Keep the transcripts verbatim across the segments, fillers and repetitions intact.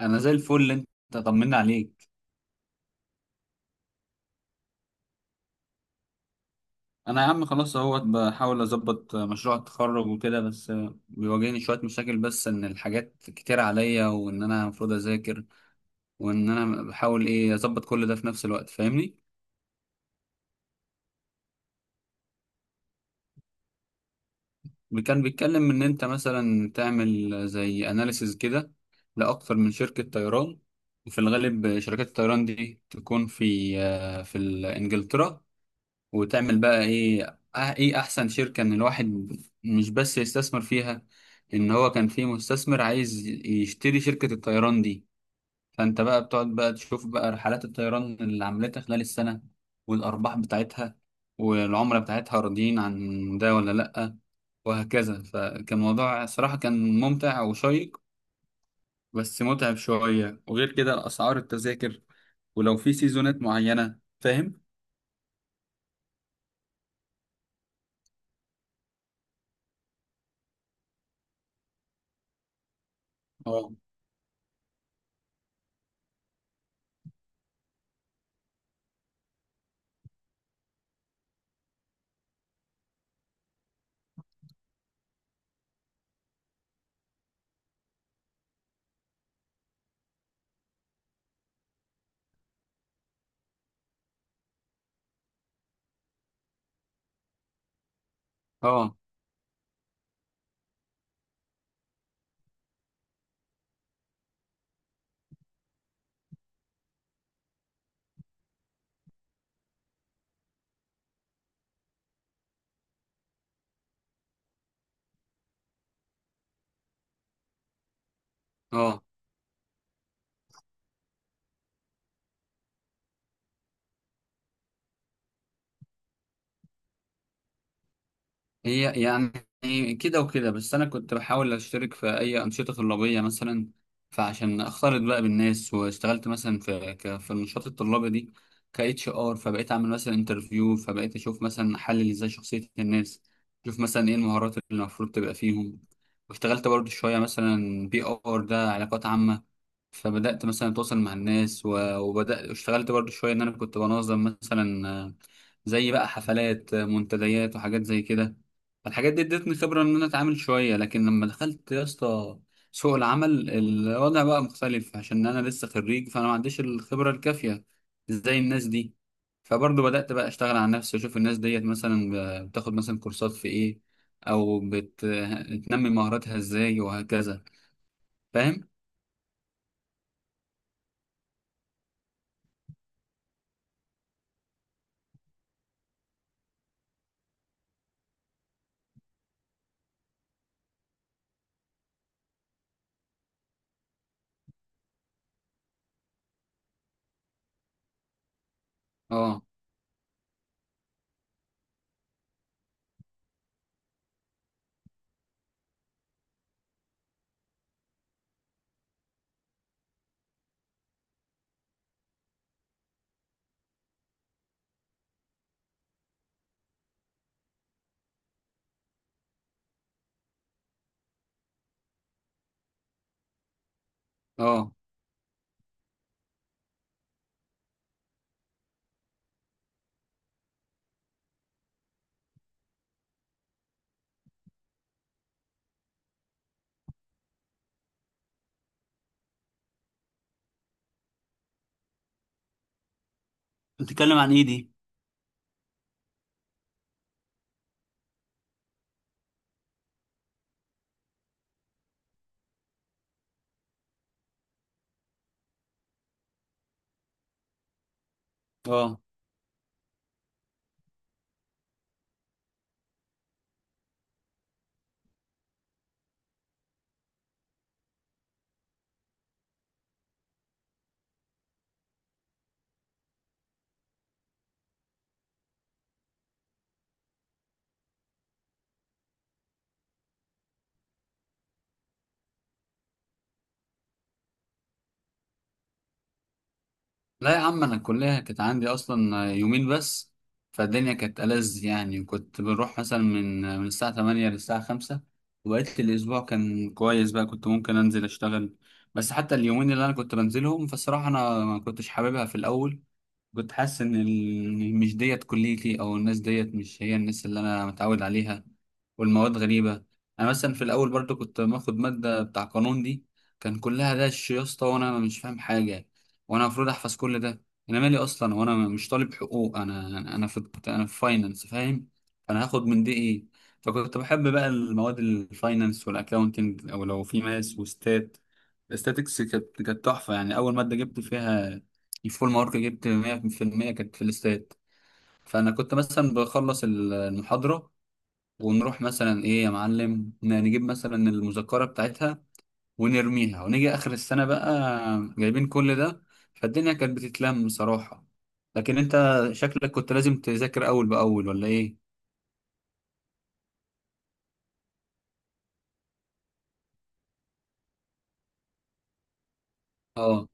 انا زي الفل. انت طمنا عليك. انا يا عم خلاص اهوت، بحاول اظبط مشروع التخرج وكده بس. بيواجهني شويه مشاكل، بس ان الحاجات كتير عليا وان انا المفروض اذاكر، وان انا بحاول ايه اظبط كل ده في نفس الوقت، فاهمني. كان بيتكلم ان انت مثلا تعمل زي اناليسز كده لاكتر من شركه طيران، وفي الغالب شركات الطيران دي تكون في آه، في انجلترا. وتعمل بقى ايه أه- ايه احسن شركة ان الواحد مش بس يستثمر فيها، ان هو كان في مستثمر عايز يشتري شركة الطيران دي. فانت بقى بتقعد بقى تشوف بقى رحلات الطيران اللي عملتها خلال السنة، والارباح بتاعتها، والعملاء بتاعتها راضيين عن ده ولا لأ، وهكذا. فكان موضوع صراحة كان ممتع وشيق، بس متعب شوية. وغير كده اسعار التذاكر ولو في سيزونات معينة، فاهم؟ اه. اه. اه. هي يعني كده وكده، بس انا كنت بحاول اشترك في اي انشطه طلابيه مثلا، فعشان اختلط بقى بالناس. واشتغلت مثلا في ك- في النشاط الطلابي دي ك اتش ار، فبقيت اعمل مثلا انترفيو، فبقيت اشوف مثلا احلل ازاي شخصيه الناس، اشوف مثلا ايه المهارات اللي المفروض تبقى فيهم. واشتغلت برضو شويه مثلا بي ار، ده علاقات عامه، فبدأت مثلا أتواصل مع الناس، و- وبدأت اشتغلت برضو شوية إن أنا كنت بنظم مثلا آه، زي بقى حفلات، آه، منتديات وحاجات زي كده. فالحاجات دي ادتني خبرة إن أنا أتعامل شوية. لكن لما دخلت يا اسطى سوق العمل، الوضع بقى مختلف، عشان أنا لسه خريج، فأنا ما عنديش الخبرة الكافية زي الناس دي. فبرضو بدأت بقى أشتغل على نفسي، وأشوف الناس ديت مثلا ب- بتاخد مثلا كورسات في إيه، أو بتنمي مهاراتها إزاي، وهكذا. فاهم؟ اه. اه. بتتكلم عن ايه دي؟ اه. لا يا عم، انا الكليه كانت عندي اصلا يومين بس، فالدنيا كانت ألذ يعني. وكنت بنروح مثلا من من الساعه تمانية للساعه خمسة، وبقيت الاسبوع كان كويس بقى، كنت ممكن انزل اشتغل. بس حتى اليومين اللي انا كنت بنزلهم، فالصراحه انا ما كنتش حاببها في الاول. كنت حاسس ان ال- مش ديت كليتي، او الناس ديت مش هي الناس اللي انا متعود عليها، والمواد غريبة. انا مثلا في الاول برضو كنت باخد مادة بتاع قانون دي، كان كلها دش يا اسطى وانا مش فاهم حاجة، وانا المفروض احفظ كل ده. انا مالي اصلا وانا مش طالب حقوق، انا انا في انا في فاينانس، فاهم؟ انا هاخد من دي ايه؟ فكنت بحب بقى المواد الفاينانس والاكاونتنج، او لو في ماس وستات. الاستاتكس كانت كانت تحفة يعني، اول مادة جبت فيها الفول مارك، جبت مائة في المائة كانت في الاستاد. فانا كنت مثلا بخلص ال- المحاضره، ونروح مثلا ايه يا معلم، ن- نجيب مثلا المذكره بتاعتها ونرميها، ونيجي اخر السنه بقى جايبين كل ده. فالدنيا كانت بتتلم بصراحه. لكن انت شكلك كنت لازم تذاكر اول باول، ولا ايه؟ اه.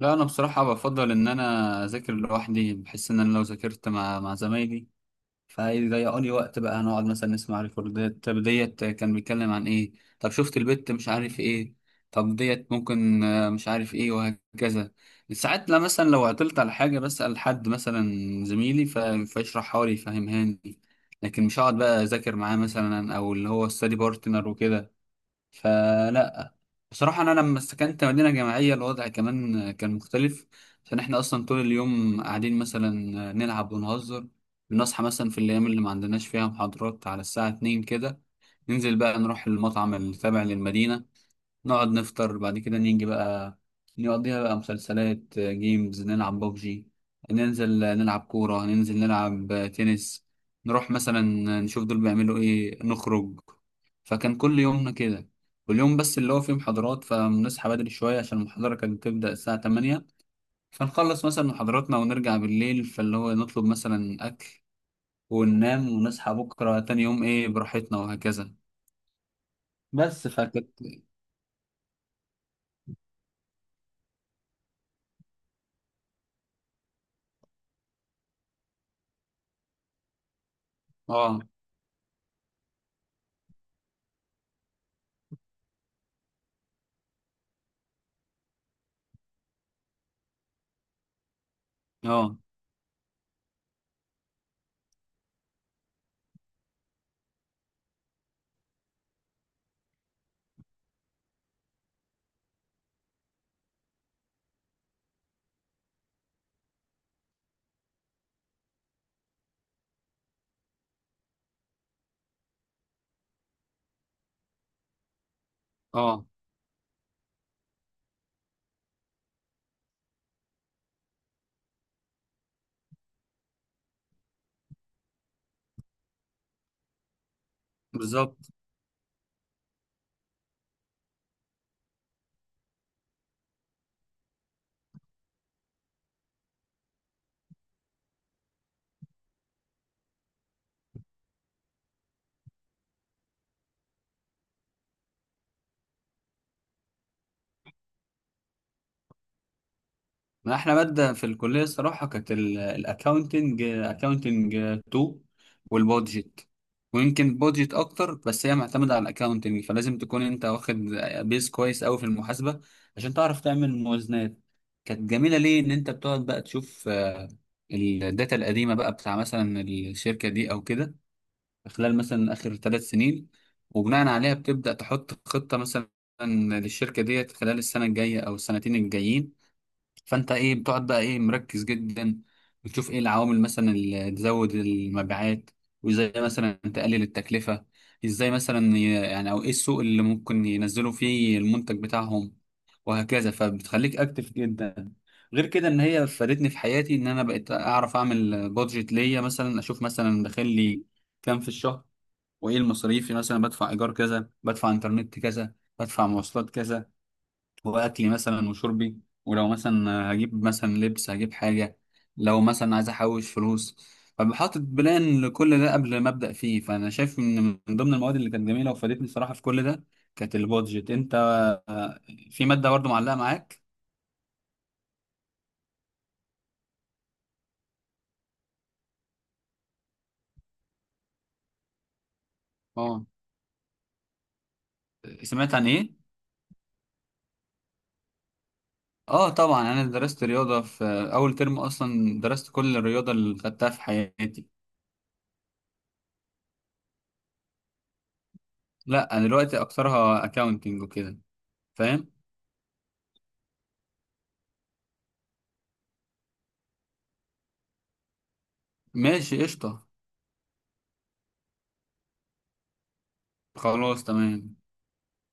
لا انا بصراحه بفضل ان انا اذاكر لوحدي. بحس ان انا لو ذاكرت مع مع زمايلي فهيضيعوا لي وقت، بقى هنقعد مثلا نسمع ريكوردات، طب ديت كان بيتكلم عن ايه، طب شفت البت مش عارف ايه، طب ديت ممكن آه، مش عارف ايه، وهكذا. ساعات لا، مثلا لو عطلت على حاجة بسأل حد مثلا زميلي، ف- فيشرحها لي يفهمها لي، لكن مش هقعد بقى اذاكر معاه مثلا، او اللي هو ستادي بارتنر وكده، فلا. بصراحة أنا لما سكنت مدينة جامعية، الوضع كمان كان مختلف. عشان إحنا أصلا طول اليوم قاعدين مثلا نلعب ونهزر. بنصحى مثلا في الأيام اللي ما عندناش فيها محاضرات على الساعة اتنين كده، ننزل بقى نروح المطعم اللي تابع للمدينة، نقعد نفطر. بعد كده نيجي بقى نقضيها بقى مسلسلات، آه، جيمز نلعب ببجي، ننزل آه، نلعب كورة، ننزل نلعب آه، تنس. نروح مثلا نشوف دول بيعملوا ايه، نخرج. فكان كل يومنا كده. واليوم بس اللي هو فيه محاضرات، فبنصحى بدري شوية عشان المحاضرة كانت بتبدأ الساعة تمانية. فنخلص مثلا محاضراتنا ونرجع بالليل، فاللي هو نطلب مثلا أكل وننام، ونصحى بكرة تاني يوم ايه براحتنا، وهكذا. بس فكانت. اه. اه. اه. بالظبط. ما احنا مادة في الكلية الصراحة كانت الاكاونتنج، اكاونتنج اتنين والبودجت. ويمكن بودجت اكتر، بس هي معتمدة على الاكاونتنج، فلازم تكون انت واخد بيز كويس قوي في المحاسبة عشان تعرف تعمل موازنات. كانت جميلة ليه؟ ان انت بتقعد بقى تشوف آه، الداتا القديمة بقى بتاع مثلا الشركة دي او كده، خلال مثلا اخر ثلاث سنين، وبناء عليها بتبدأ تحط خطة مثلا للشركة ديت خلال السنة الجاية او السنتين الجايين. فانت ايه بتقعد بقى ايه مركز جدا، بتشوف ايه العوامل مثلا اللي تزود المبيعات، وازاي مثلا تقلل التكلفة، ازاي مثلا ي- يعني، او ايه السوق اللي ممكن ينزلوا فيه المنتج بتاعهم، وهكذا. فبتخليك اكتف جدا. غير كده ان هي فادتني في حياتي، ان انا بقيت اعرف اعمل بادجت ليا، مثلا اشوف مثلا داخل لي كام في الشهر، وايه المصاريف، مثلا بدفع ايجار كذا، بدفع انترنت كذا، بدفع مواصلات كذا، واكلي مثلا وشربي، ولو مثلا هجيب مثلا لبس هجيب حاجه، لو مثلا عايز احوش فلوس. فبحاطط بلان لكل ده قبل ما ابدا فيه. فانا شايف ان من ضمن المواد اللي كانت جميله وفادتني الصراحه في كل ده كانت البادجت. انت آه، في ماده برضو معلقه معاك؟ اه. سمعت عن ايه؟ اه طبعا انا درست رياضه في اول ترم. اصلا درست كل الرياضه اللي خدتها في حياتي. لا انا دلوقتي اكثرها اكاونتنج وكده، فاهم. ماشي قشطه. خلاص تمام.